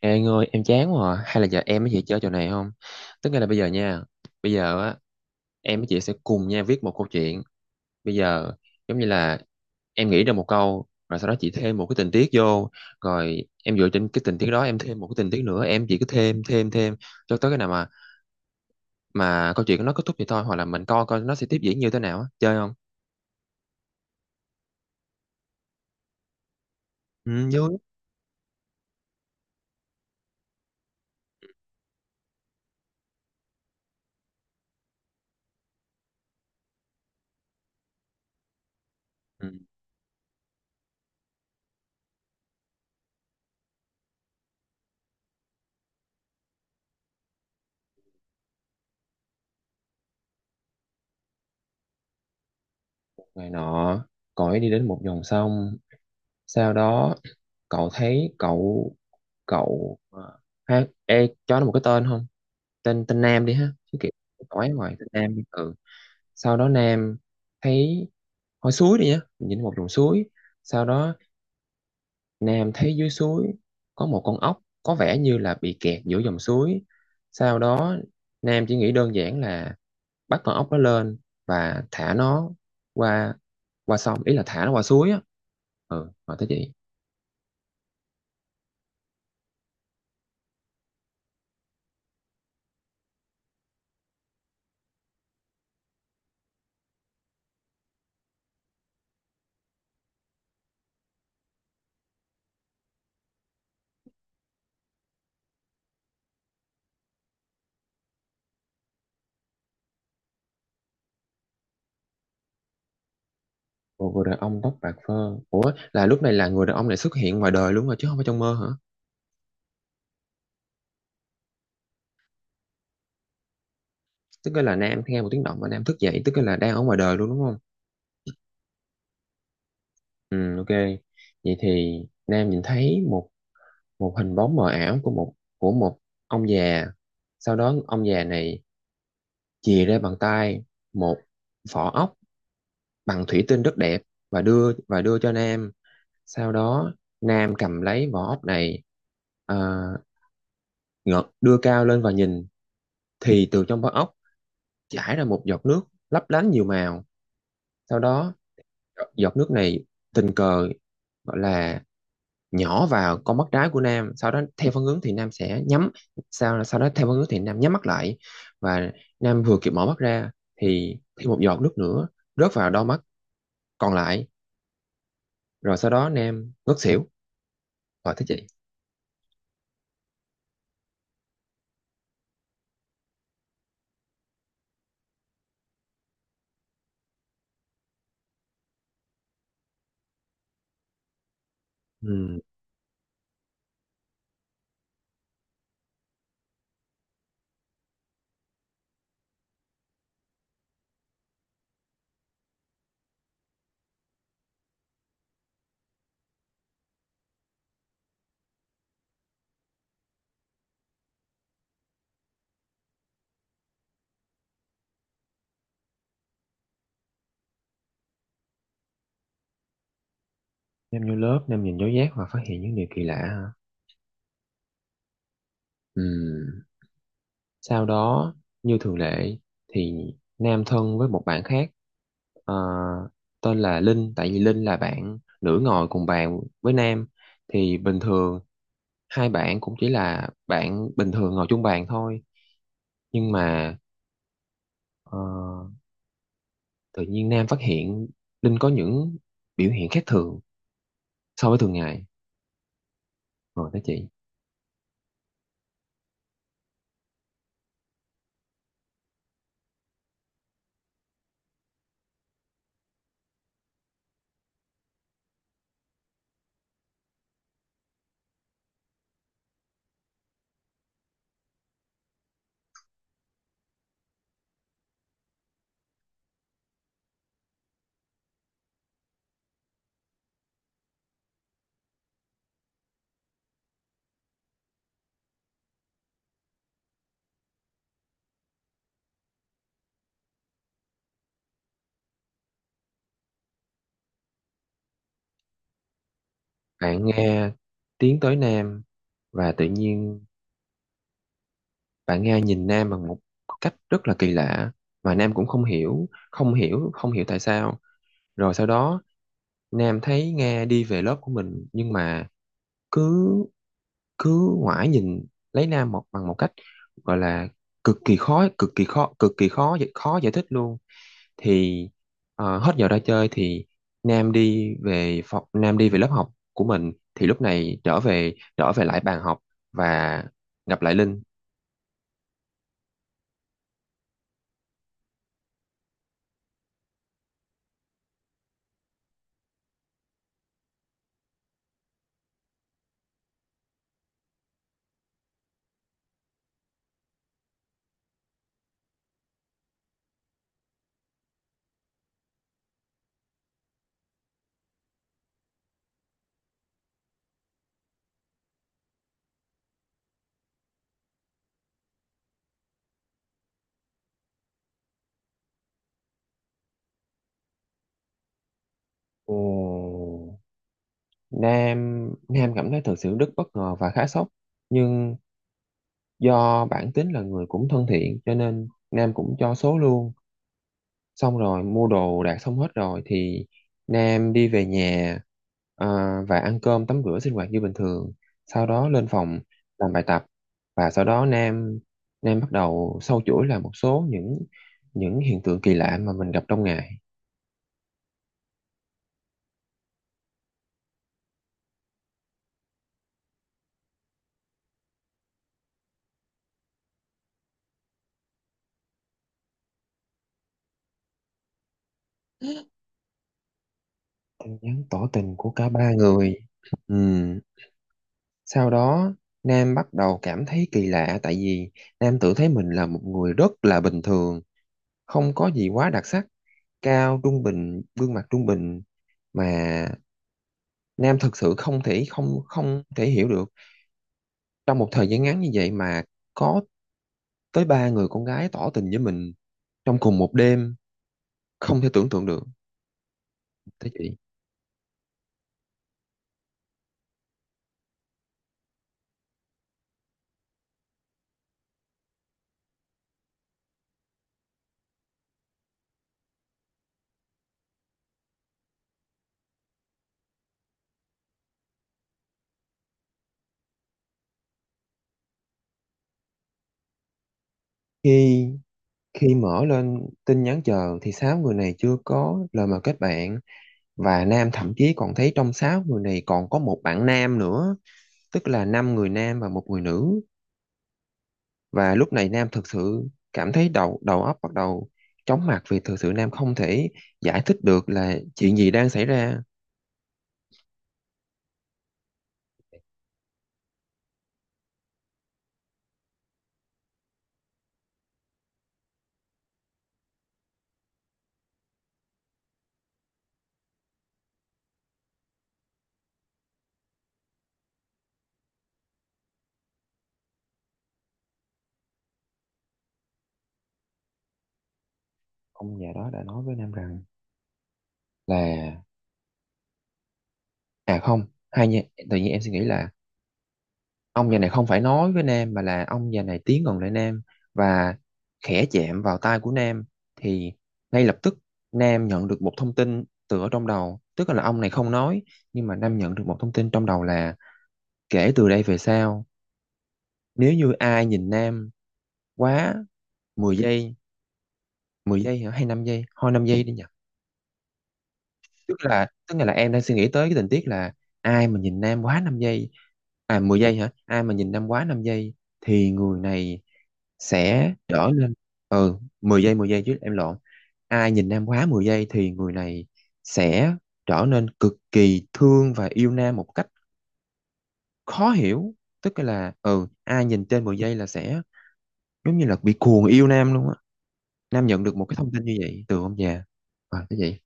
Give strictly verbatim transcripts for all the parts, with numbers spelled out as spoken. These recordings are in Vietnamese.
Ê anh ơi em chán quá à. Hay là giờ em với chị chơi trò này không? Tức nghĩa là bây giờ nha. Bây giờ á, em với chị sẽ cùng nhau viết một câu chuyện. Bây giờ giống như là em nghĩ ra một câu, rồi sau đó chị thêm một cái tình tiết vô, rồi em dựa trên cái tình tiết đó em thêm một cái tình tiết nữa. Em chỉ cứ thêm thêm thêm cho tới cái nào mà mà câu chuyện nó kết thúc vậy thôi. Hoặc là mình coi coi nó sẽ tiếp diễn như thế nào á. Chơi không? Ừ, vui. Ừ. Ngày nọ, cõi đi đến một dòng sông, sau đó cậu thấy cậu cậu ờ, ha, ê, cho nó một cái tên không. Tên tên Nam đi ha, chứ kiểu nói ngoài tên Nam đi. Ừ, sau đó Nam thấy hồi suối đi nhá, nhìn một dòng suối. Sau đó Nam thấy dưới suối có một con ốc có vẻ như là bị kẹt giữa dòng suối. Sau đó Nam chỉ nghĩ đơn giản là bắt con ốc đó lên và thả nó qua qua sông, ý là thả nó qua suối á. Ừ, hỏi tới chị. Một người đàn ông tóc bạc phơ. Ủa, là lúc này là người đàn ông này xuất hiện ngoài đời luôn rồi chứ không phải trong mơ hả? Tức là Nam nghe một tiếng động và Nam thức dậy, tức là đang ở ngoài đời luôn đúng không? Ừ, ok. Vậy thì Nam nhìn thấy một một hình bóng mờ ảo của một của một ông già. Sau đó ông già này chìa ra bằng tay một vỏ ốc bằng thủy tinh rất đẹp và đưa và đưa cho Nam. Sau đó Nam cầm lấy vỏ ốc này, uh, đưa cao lên và nhìn thì từ trong vỏ ốc chảy ra một giọt nước lấp lánh nhiều màu. Sau đó giọt nước này tình cờ, gọi là, nhỏ vào con mắt trái của Nam. Sau đó theo phản ứng thì Nam sẽ nhắm, sau sau đó theo phản ứng thì Nam nhắm mắt lại, và Nam vừa kịp mở mắt ra thì thêm một giọt nước nữa rớt vào đôi mắt còn lại, rồi sau đó Nam ngất xỉu. Rồi thế chị. Ừ. Nam vô lớp, Nam nhìn dấu giác và phát hiện những điều kỳ lạ hả. Ừ. Sau đó, như thường lệ, thì Nam thân với một bạn khác, ờ, tên là Linh, tại vì Linh là bạn nữ ngồi cùng bàn với Nam. Thì bình thường hai bạn cũng chỉ là bạn bình thường ngồi chung bàn thôi. Nhưng mà ờ, tự nhiên Nam phát hiện Linh có những biểu hiện khác thường so với thường ngày. Rồi đó chị. Bạn nghe, tiến tới Nam và tự nhiên bạn Nga nhìn Nam bằng một cách rất là kỳ lạ mà Nam cũng không hiểu không hiểu không hiểu tại sao. Rồi sau đó Nam thấy Nga đi về lớp của mình nhưng mà cứ cứ ngoái nhìn lấy Nam một bằng một cách, gọi là, cực kỳ khó cực kỳ khó cực kỳ khó khó giải thích luôn. Thì ờ, hết giờ ra chơi thì Nam đi về phòng, Nam đi về lớp học của mình, thì lúc này trở về trở về lại bàn học và gặp lại Linh. Ồ. Nam Nam cảm thấy thật sự rất bất ngờ và khá sốc, nhưng do bản tính là người cũng thân thiện cho nên Nam cũng cho số luôn. Xong rồi mua đồ đạc xong hết rồi thì Nam đi về nhà, à, và ăn cơm tắm rửa sinh hoạt như bình thường, sau đó lên phòng làm bài tập. Và sau đó Nam Nam bắt đầu sâu chuỗi là một số những những hiện tượng kỳ lạ mà mình gặp trong ngày. Tin nhắn tỏ tình của cả ba người. Ừ. Sau đó, Nam bắt đầu cảm thấy kỳ lạ tại vì Nam tự thấy mình là một người rất là bình thường, không có gì quá đặc sắc, cao trung bình, gương mặt trung bình, mà Nam thực sự không thể không không thể hiểu được trong một thời gian ngắn như vậy mà có tới ba người con gái tỏ tình với mình trong cùng một đêm, không thể tưởng tượng được, thế chị. Khi khi mở lên tin nhắn chờ thì sáu người này chưa có lời mời kết bạn, và nam thậm chí còn thấy trong sáu người này còn có một bạn nam nữa, tức là năm người nam và một người nữ. Và lúc này nam thực sự cảm thấy đầu đầu óc bắt đầu chóng mặt vì thực sự nam không thể giải thích được là chuyện gì đang xảy ra. Ông già đó đã nói với nam rằng là, à không, hai nha, tự nhiên em suy nghĩ là ông già này không phải nói với Nam mà là ông già này tiến gần lại Nam và khẽ chạm vào tai của Nam, thì ngay lập tức Nam nhận được một thông tin từ ở trong đầu, tức là ông này không nói nhưng mà Nam nhận được một thông tin trong đầu là, kể từ đây về sau, nếu như ai nhìn Nam quá mười giây, mười giây hả, hay năm giây thôi, năm giây đi nhỉ. Tức là tức là em đang suy nghĩ tới cái tình tiết là ai mà nhìn Nam quá năm giây, à mười giây hả, ai mà nhìn Nam quá năm giây thì người này sẽ trở lên. Ừ, mười giây, mười giây chứ, em lộn. Ai nhìn Nam quá mười giây thì người này sẽ trở nên cực kỳ thương và yêu Nam một cách khó hiểu, tức là, ừ, ai nhìn trên mười giây là sẽ giống như là bị cuồng yêu Nam luôn á. Nam nhận được một cái thông tin như vậy từ ông già. À, cái gì?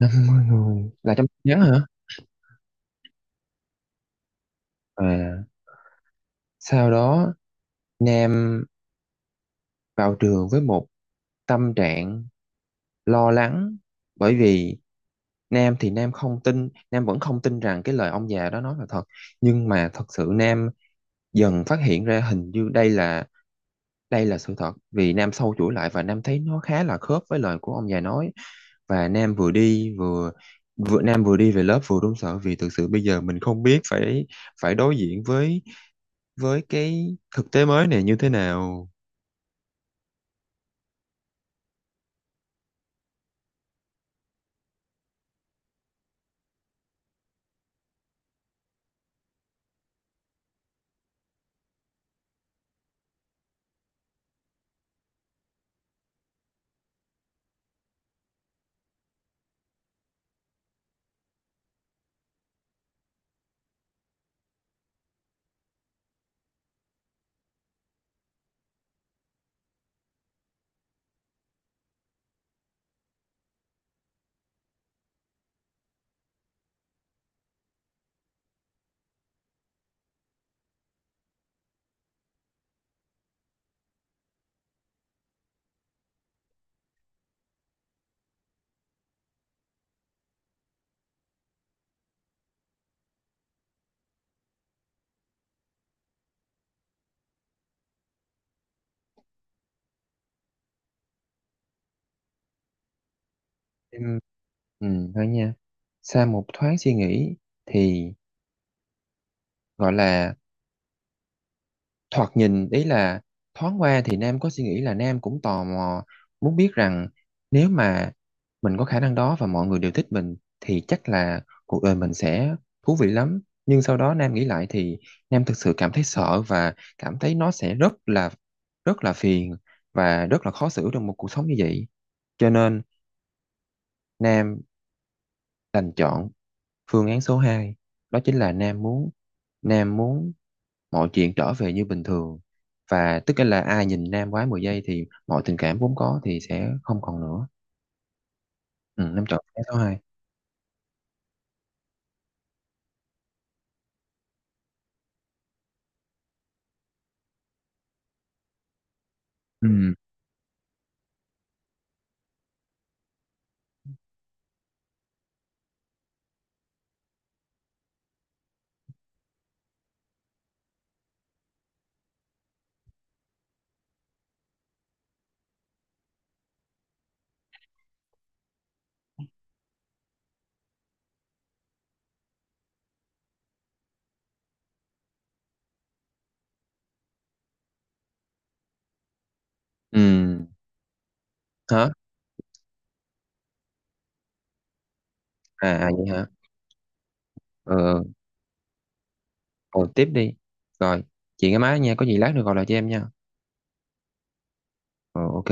năm mươi người là trong tin nhắn hả? À. Sau đó, Nam vào trường với một tâm trạng lo lắng bởi vì Nam thì Nam không tin, Nam vẫn không tin rằng cái lời ông già đó nói là thật, nhưng mà thật sự Nam dần phát hiện ra hình như đây là đây là sự thật vì Nam sâu chuỗi lại và Nam thấy nó khá là khớp với lời của ông già nói. Và Nam vừa đi vừa vừa Nam vừa đi về lớp vừa run sợ vì thực sự bây giờ mình không biết phải phải đối diện với với cái thực tế mới này như thế nào. Em Ừ, thôi nha. Sau một thoáng suy nghĩ thì, gọi là, thoạt nhìn ý là thoáng qua thì Nam có suy nghĩ là Nam cũng tò mò muốn biết rằng nếu mà mình có khả năng đó và mọi người đều thích mình thì chắc là cuộc đời mình sẽ thú vị lắm. Nhưng sau đó Nam nghĩ lại thì Nam thực sự cảm thấy sợ và cảm thấy nó sẽ rất là rất là phiền và rất là khó xử trong một cuộc sống như vậy. Cho nên Nam đành chọn phương án số hai, đó chính là Nam muốn Nam muốn mọi chuyện trở về như bình thường, và tức là ai nhìn Nam quá mười giây thì mọi tình cảm vốn có thì sẽ không còn nữa. Ừ, Nam chọn phương án số hai. Ừ. Ừ. Hả? À, à vậy hả? Ờ, rồi tiếp đi. Rồi, chị nghe máy nha, có gì lát nữa gọi lại cho em nha. Ờ, ok.